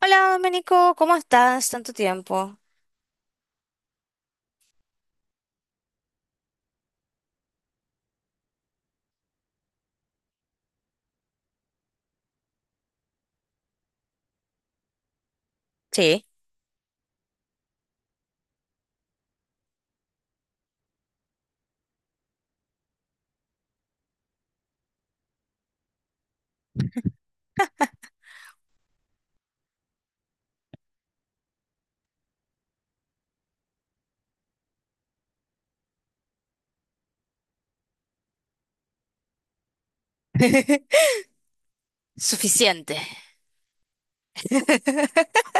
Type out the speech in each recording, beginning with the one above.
Hola, Domenico, ¿cómo estás? Tanto tiempo. Sí. Suficiente.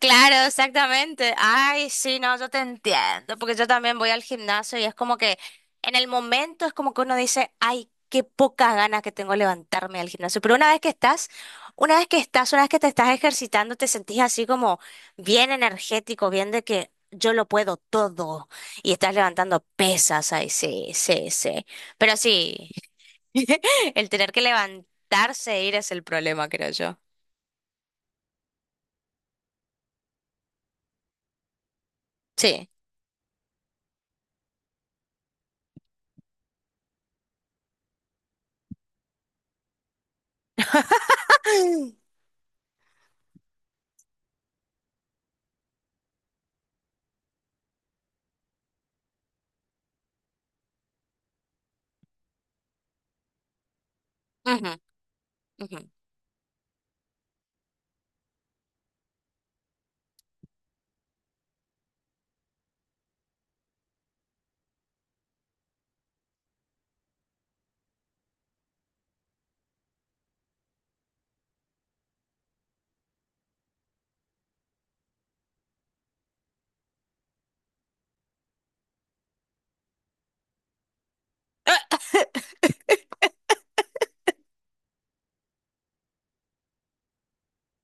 Claro, exactamente. Ay, sí, no, yo te entiendo, porque yo también voy al gimnasio y es como que en el momento es como que uno dice, ay, qué pocas ganas que tengo de levantarme al gimnasio. Pero una vez que te estás ejercitando, te sentís así como bien energético, bien de que yo lo puedo todo y estás levantando pesas, ay, sí, sí, sí. Pero sí. El tener que levantarse e ir es el problema, creo yo. Sí. Ujú, ujú.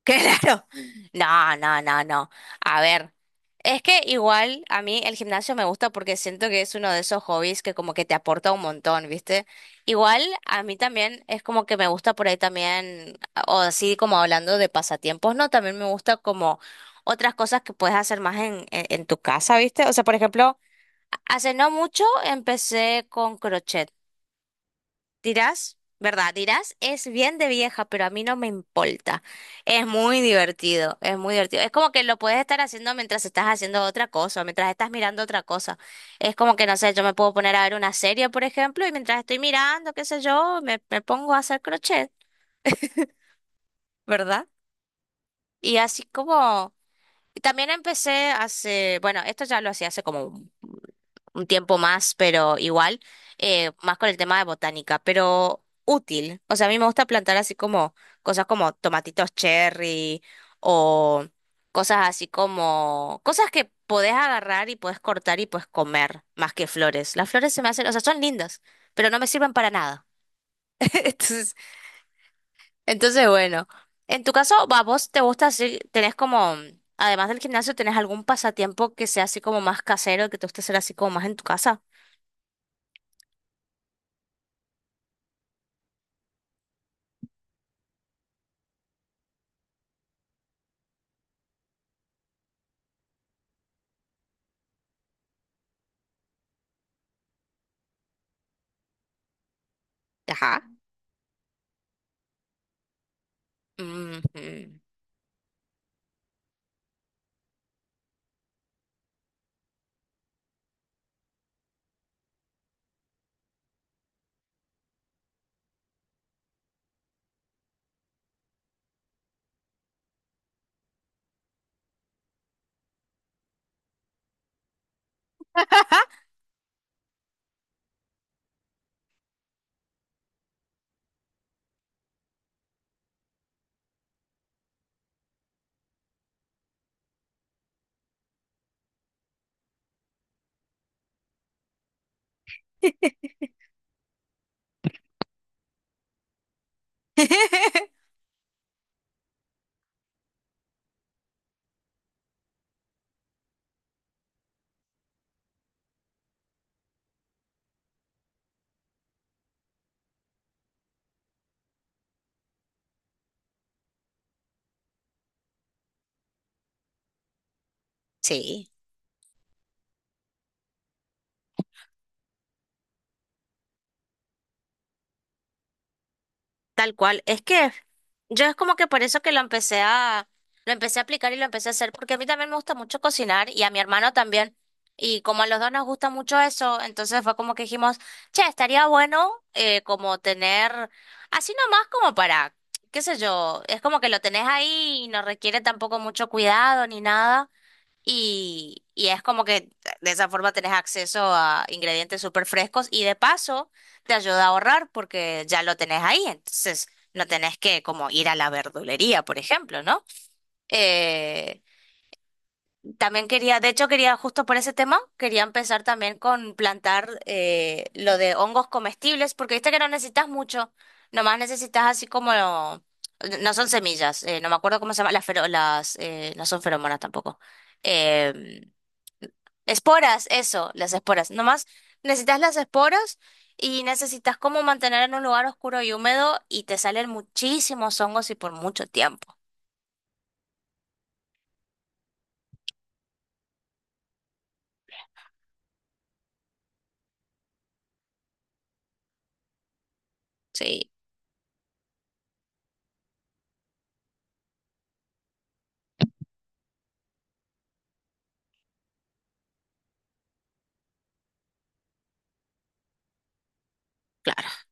Claro. No, no, no, no. A ver, es que igual a mí el gimnasio me gusta porque siento que es uno de esos hobbies que como que te aporta un montón, ¿viste? Igual a mí también es como que me gusta por ahí también, o así como hablando de pasatiempos, ¿no? También me gusta como otras cosas que puedes hacer más en tu casa, ¿viste? O sea, por ejemplo, hace no mucho empecé con crochet. Dirás, ¿verdad? Dirás, es bien de vieja, pero a mí no me importa. Es muy divertido, es muy divertido. Es como que lo puedes estar haciendo mientras estás haciendo otra cosa, mientras estás mirando otra cosa. Es como que, no sé, yo me puedo poner a ver una serie, por ejemplo, y mientras estoy mirando, qué sé yo, me pongo a hacer crochet, ¿verdad? Y así como, y también empecé hace, bueno, esto ya lo hacía hace como un tiempo más, pero igual, más con el tema de botánica, pero útil. O sea, a mí me gusta plantar así como cosas como tomatitos cherry o cosas así como cosas que podés agarrar y podés cortar y podés comer, más que flores. Las flores se me hacen, o sea, son lindas, pero no me sirven para nada. Entonces, entonces, bueno, en tu caso, va, vos te gusta así, tenés como. Además del gimnasio, ¿tenés algún pasatiempo que sea así como más casero, que te guste hacer así como más en tu casa? Ajá. Ujú. Sí, tal cual. Es que yo es como que por eso que lo empecé a aplicar y lo empecé a hacer, porque a mí también me gusta mucho cocinar y a mi hermano también. Y como a los dos nos gusta mucho eso, entonces fue como que dijimos, che, estaría bueno como tener, así nomás como para, qué sé yo, es como que lo tenés ahí y no requiere tampoco mucho cuidado ni nada. Y es como que de esa forma tenés acceso a ingredientes súper frescos y de paso te ayuda a ahorrar porque ya lo tenés ahí, entonces no tenés que como ir a la verdulería, por ejemplo, ¿no? Eh, también quería, de hecho quería justo por ese tema, quería empezar también con plantar lo de hongos comestibles porque viste que no necesitas mucho, nomás necesitas así como, no son semillas, no me acuerdo cómo se llama, las, no son feromonas tampoco. em, Esporas, eso, las esporas. Nomás necesitas las esporas y necesitas como mantener en un lugar oscuro y húmedo y te salen muchísimos hongos y por mucho tiempo. Sí, claro.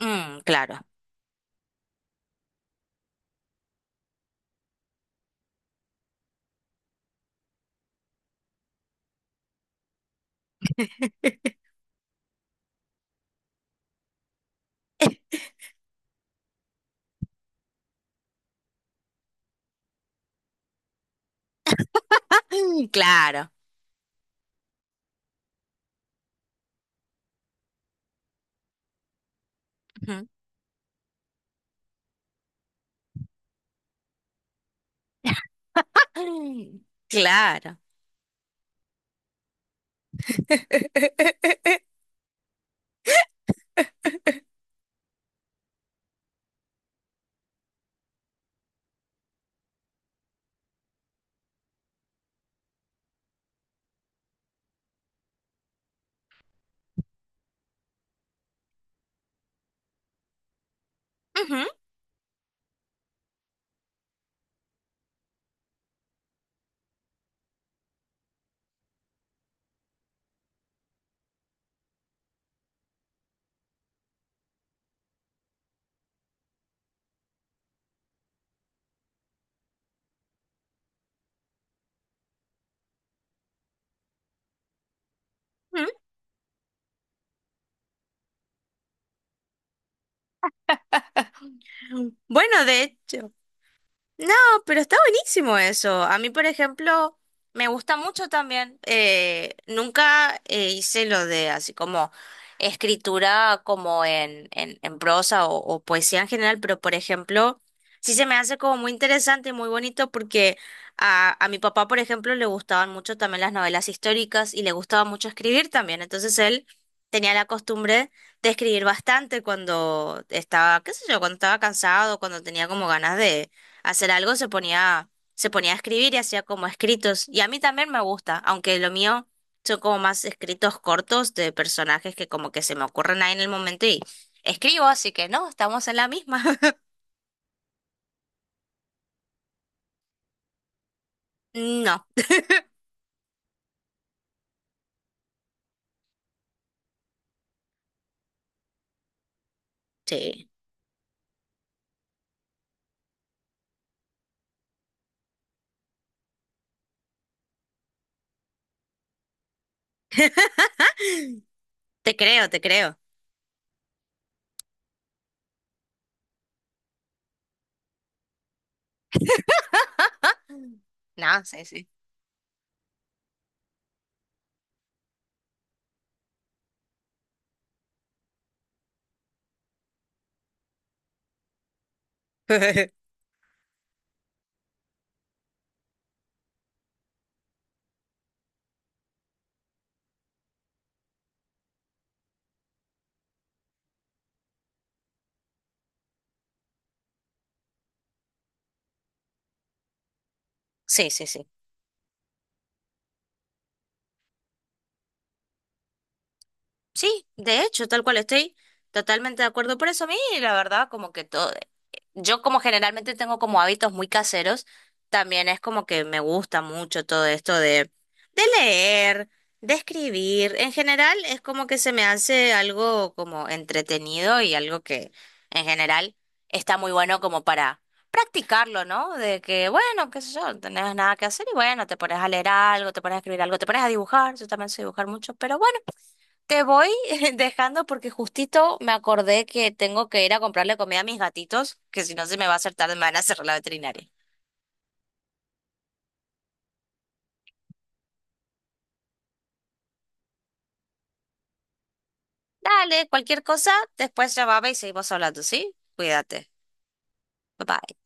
Ujú. Mm, claro. Mm, claro. Ujú. Claro. Ujú, ujú. Bueno, de hecho. No, pero está buenísimo eso. A mí, por ejemplo, me gusta mucho también. Nunca hice lo de así como escritura como en prosa o poesía en general, pero por ejemplo, sí se me hace como muy interesante y muy bonito porque a mi papá, por ejemplo, le gustaban mucho también las novelas históricas y le gustaba mucho escribir también. Entonces él tenía la costumbre de escribir bastante cuando estaba, qué sé yo, cuando estaba cansado, cuando tenía como ganas de hacer algo, se ponía a escribir y hacía como escritos. Y a mí también me gusta, aunque lo mío son como más escritos cortos de personajes que como que se me ocurren ahí en el momento y escribo, así que no, estamos en la misma. No, sí. Te creo, te creo. No, sí, sí. Sí, sí, sí. Sí, de hecho, tal cual estoy totalmente de acuerdo por eso. A mí, la verdad, como que todo. Yo como generalmente tengo como hábitos muy caseros, también es como que me gusta mucho todo esto de, leer, de escribir. En general es como que se me hace algo como entretenido y algo que en general está muy bueno como para practicarlo, ¿no? De que, bueno, qué sé yo, no tenés nada que hacer y bueno, te pones a leer algo, te pones a escribir algo, te pones a dibujar, yo también sé dibujar mucho, pero bueno. Te voy dejando porque justito me acordé que tengo que ir a comprarle comida a mis gatitos, que si no se me va a hacer tarde, me van a cerrar la veterinaria. Dale, cualquier cosa, después llamame y seguimos hablando, ¿sí? Cuídate. Bye bye.